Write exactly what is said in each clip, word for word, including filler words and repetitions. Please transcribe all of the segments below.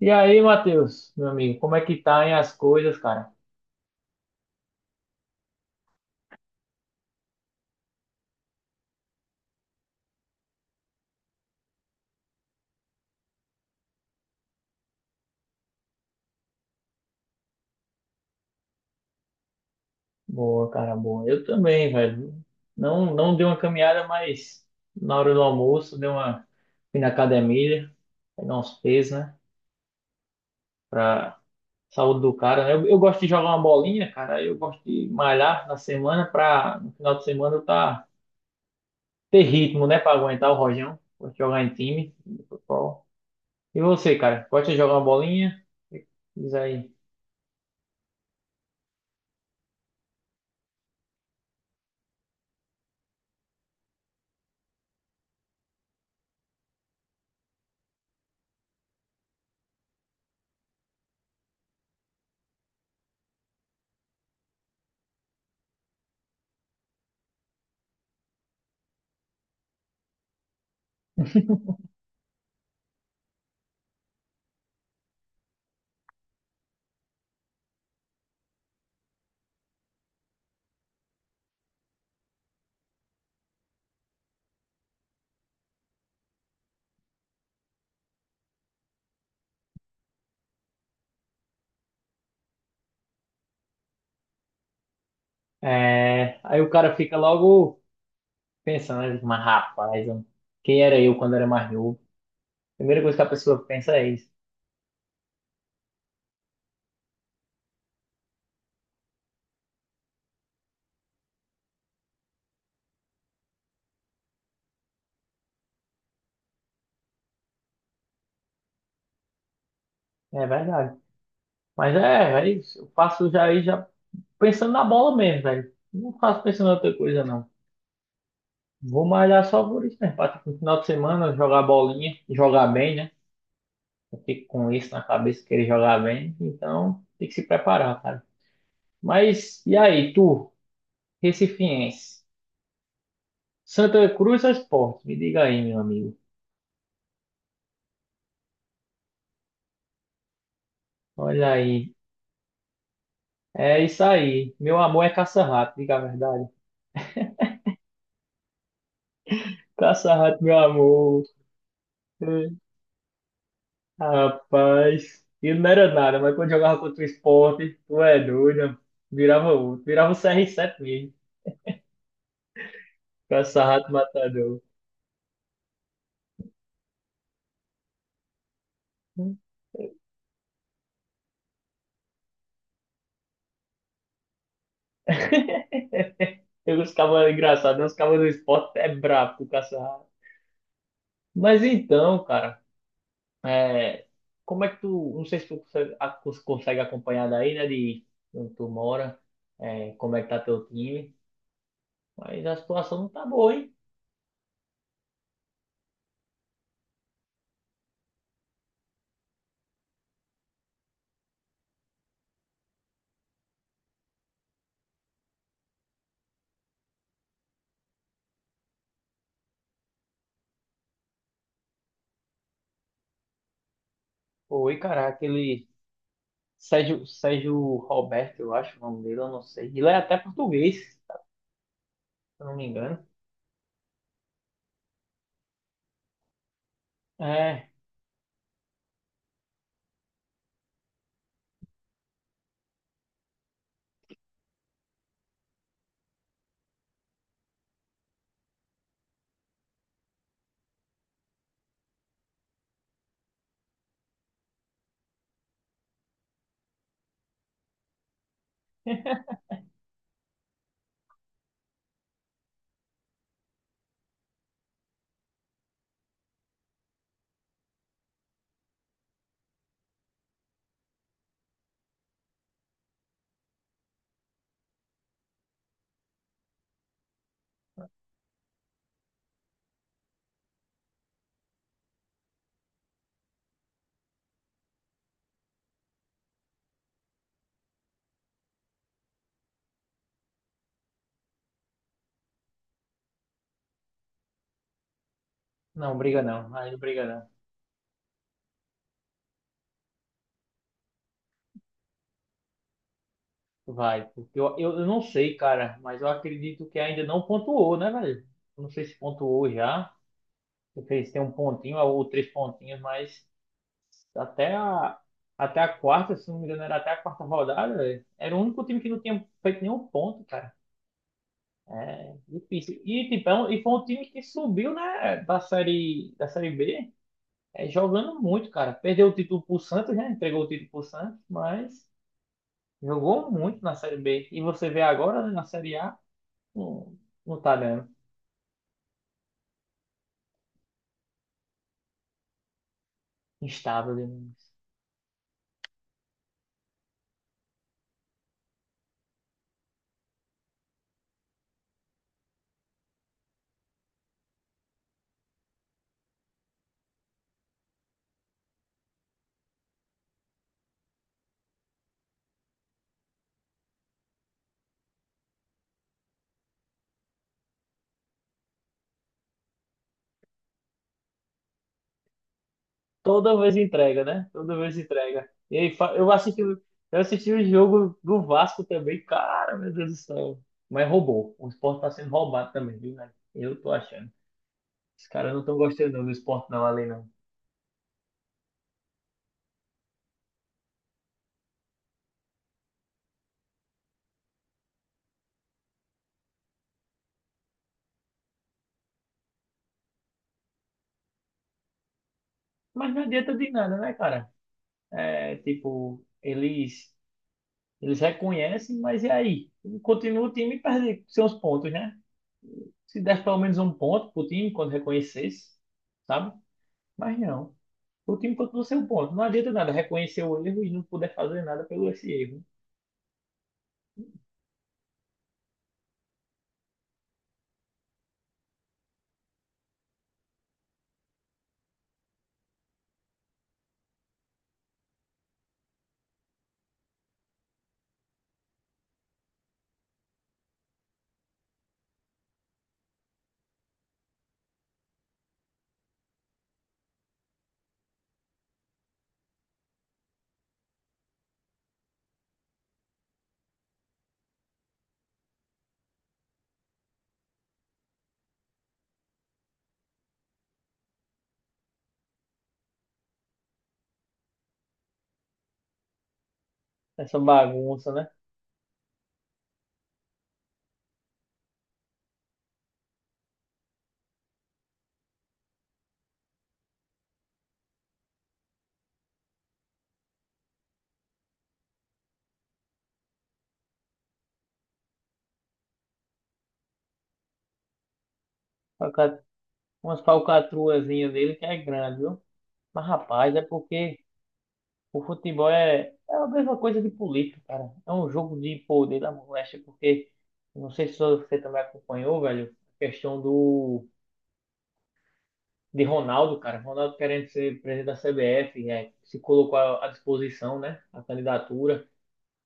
E aí, Matheus, meu amigo, como é que tá aí as coisas, cara? Boa, cara, boa. Eu também, velho. Não, não dei uma caminhada, mas na hora do almoço dei uma fui na academia, pegar uns pesos, né? Pra saúde do cara. Né? Eu, eu gosto de jogar uma bolinha, cara. Eu gosto de malhar na semana pra no final de semana eu tá ter ritmo, né? Pra aguentar o rojão. Gosto de jogar em time, futebol. E você, cara? Gosta de jogar uma bolinha? Diz aí. É, aí o cara fica logo pensando, eu digo, mas rapaz, eu- quem era eu quando era mais novo? Primeira coisa que a pessoa pensa é isso. É verdade. Mas é, é isso. Eu faço já, aí já pensando na bola mesmo, velho. Não faço pensando em outra coisa, não. Vou malhar só por isso, né? Pra, tipo, no final de semana jogar bolinha, jogar bem, né? Eu fico com isso na cabeça, querer jogar bem. Então, tem que se preparar, cara. Mas, e aí, tu, recifiense? Santa Cruz ou Sport? Me diga aí, meu amigo. Olha aí, é isso aí. Meu amor é caça-rato, diga a verdade. Caça-rato, meu amor. É, rapaz, ele não era nada, mas quando jogava contra o esporte, tu é doido. Virava outro, virava o C R sete mesmo. Caça-rato matador. Hum. Eu ficava engraçado, né? Os cabos do esporte é brabo com o caça-rato. Mas então, cara, é, como é que tu. Não sei se tu consegue, a- cons- consegue acompanhar daí, né? De onde tu mora, é, como é que tá teu time. Mas a situação não tá boa, hein? Oi, cara, aquele Sérgio, Sérgio Roberto, eu acho o nome dele, eu não sei. Ele é até português, se eu não me engano. É, não, briga não, aí não briga não. Vai, porque eu, eu, eu não sei, cara, mas eu acredito que ainda não pontuou, né, velho? Não sei se pontuou já, porque se tem um pontinho ou três pontinhos, mas até a, até a quarta, se não me engano, era até a quarta rodada, velho, era o único time que não tinha feito nenhum ponto, cara. É difícil. E, tipo, é um- e foi um time que subiu, né, da série, da série B, é, jogando muito, cara. Perdeu o título pro Santos, né? Entregou o título pro Santos, mas jogou muito na série B. E você vê agora, né, na série A, não, não tá dando. Instável demais. Toda vez entrega, né? Toda vez entrega. E aí, fa- eu assisti, o- eu assisti o jogo do Vasco também, cara, meu Deus do céu. Mas roubou. O Sport tá sendo roubado também, viu, né? Eu tô achando. Os caras não estão gostando não do esporte não ali não. Mas não adianta de nada, né, cara? É, tipo, eles, eles reconhecem, mas e aí? Continua o time e perde seus pontos, né? Se desse pelo menos um ponto pro time quando reconhecesse, sabe? Mas não. O time continua sem um ponto. Não adianta nada reconhecer o erro e não puder fazer nada pelo esse erro. Essa bagunça, né? Falca- Umas falcatruazinhas dele que é grande, viu? Mas, rapaz, é porque o futebol é, é a mesma coisa de política, cara. É um jogo de poder da moléstia, porque não sei se você também acompanhou, velho, a questão do de Ronaldo, cara. Ronaldo querendo ser presidente da C B F, é, se colocou à à disposição, né, a candidatura.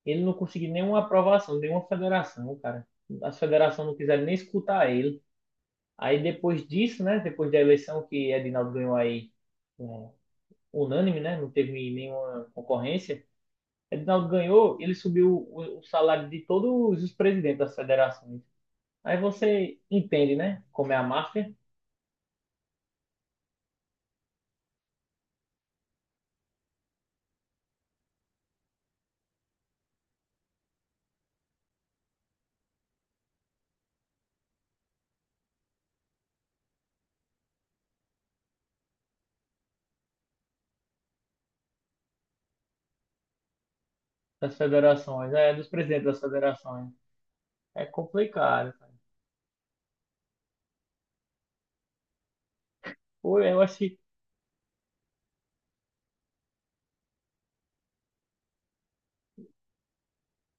Ele não conseguiu nenhuma aprovação, nenhuma federação, cara. As federações não quiseram nem escutar ele. Aí depois disso, né, depois da eleição que Edinaldo ganhou aí, é, unânime, né, não teve nenhuma concorrência. Edinaldo ganhou, ele subiu o, o salário de todos os presidentes das federações. Aí você entende, né? Como é a máfia das federações, é dos presidentes das federações. É complicado, cara. Pô, eu acho que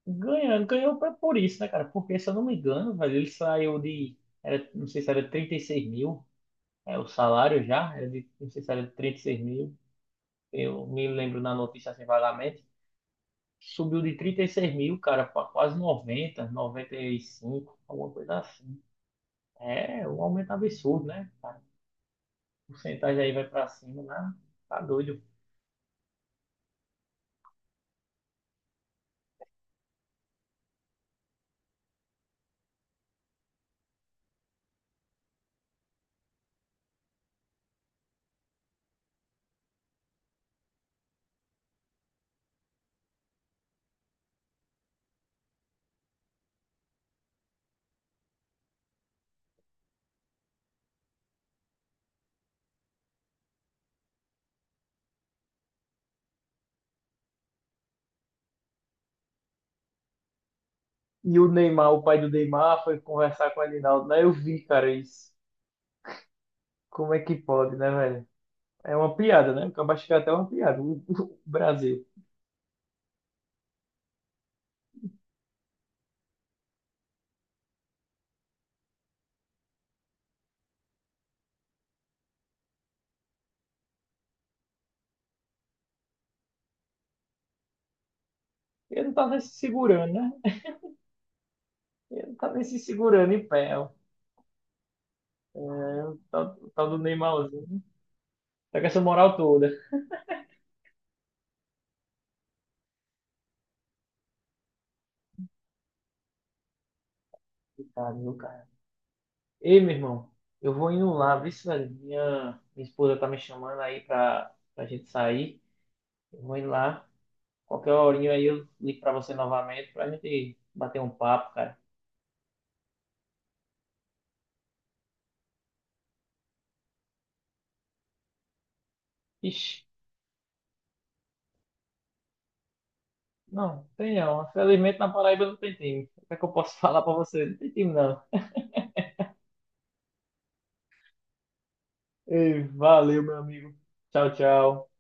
ganhando, ganhou pra- por isso, né, cara? Porque, se eu não me engano, velho, ele saiu de, era, não sei se era trinta e seis mil, é, o salário já, era de, não sei se era de seis mil, eu me lembro na notícia assim vagamente, subiu de trinta e seis mil, cara, pra quase noventa, noventa e cinco, alguma coisa assim. É um aumento absurdo, né? Cara? A porcentagem aí vai pra cima, né? Tá doido. E o Neymar, o pai do Neymar, foi conversar com o Adinaldo, né? Eu vi, cara, isso. Como é que pode, né, velho? É uma piada, né? Porque eu acho que é até uma piada, o o Brasil. Ele não tá nem se segurando, né? Ele não tá nem se segurando em pé, ó. É, o tal, o tal do Neymarzinho. Tá com essa moral toda. Coitado, viu, cara? Ei, meu irmão, eu vou indo lá, vê se minha, minha esposa tá me chamando aí pra, pra gente sair. Eu vou indo lá. Qualquer horinho aí eu ligo pra você novamente pra gente bater um papo, cara. Ixi, não, tem não. Infelizmente na Paraíba não tem time. O que é que eu posso falar pra você? Não tem time não. Ei, valeu, meu amigo. Tchau, tchau.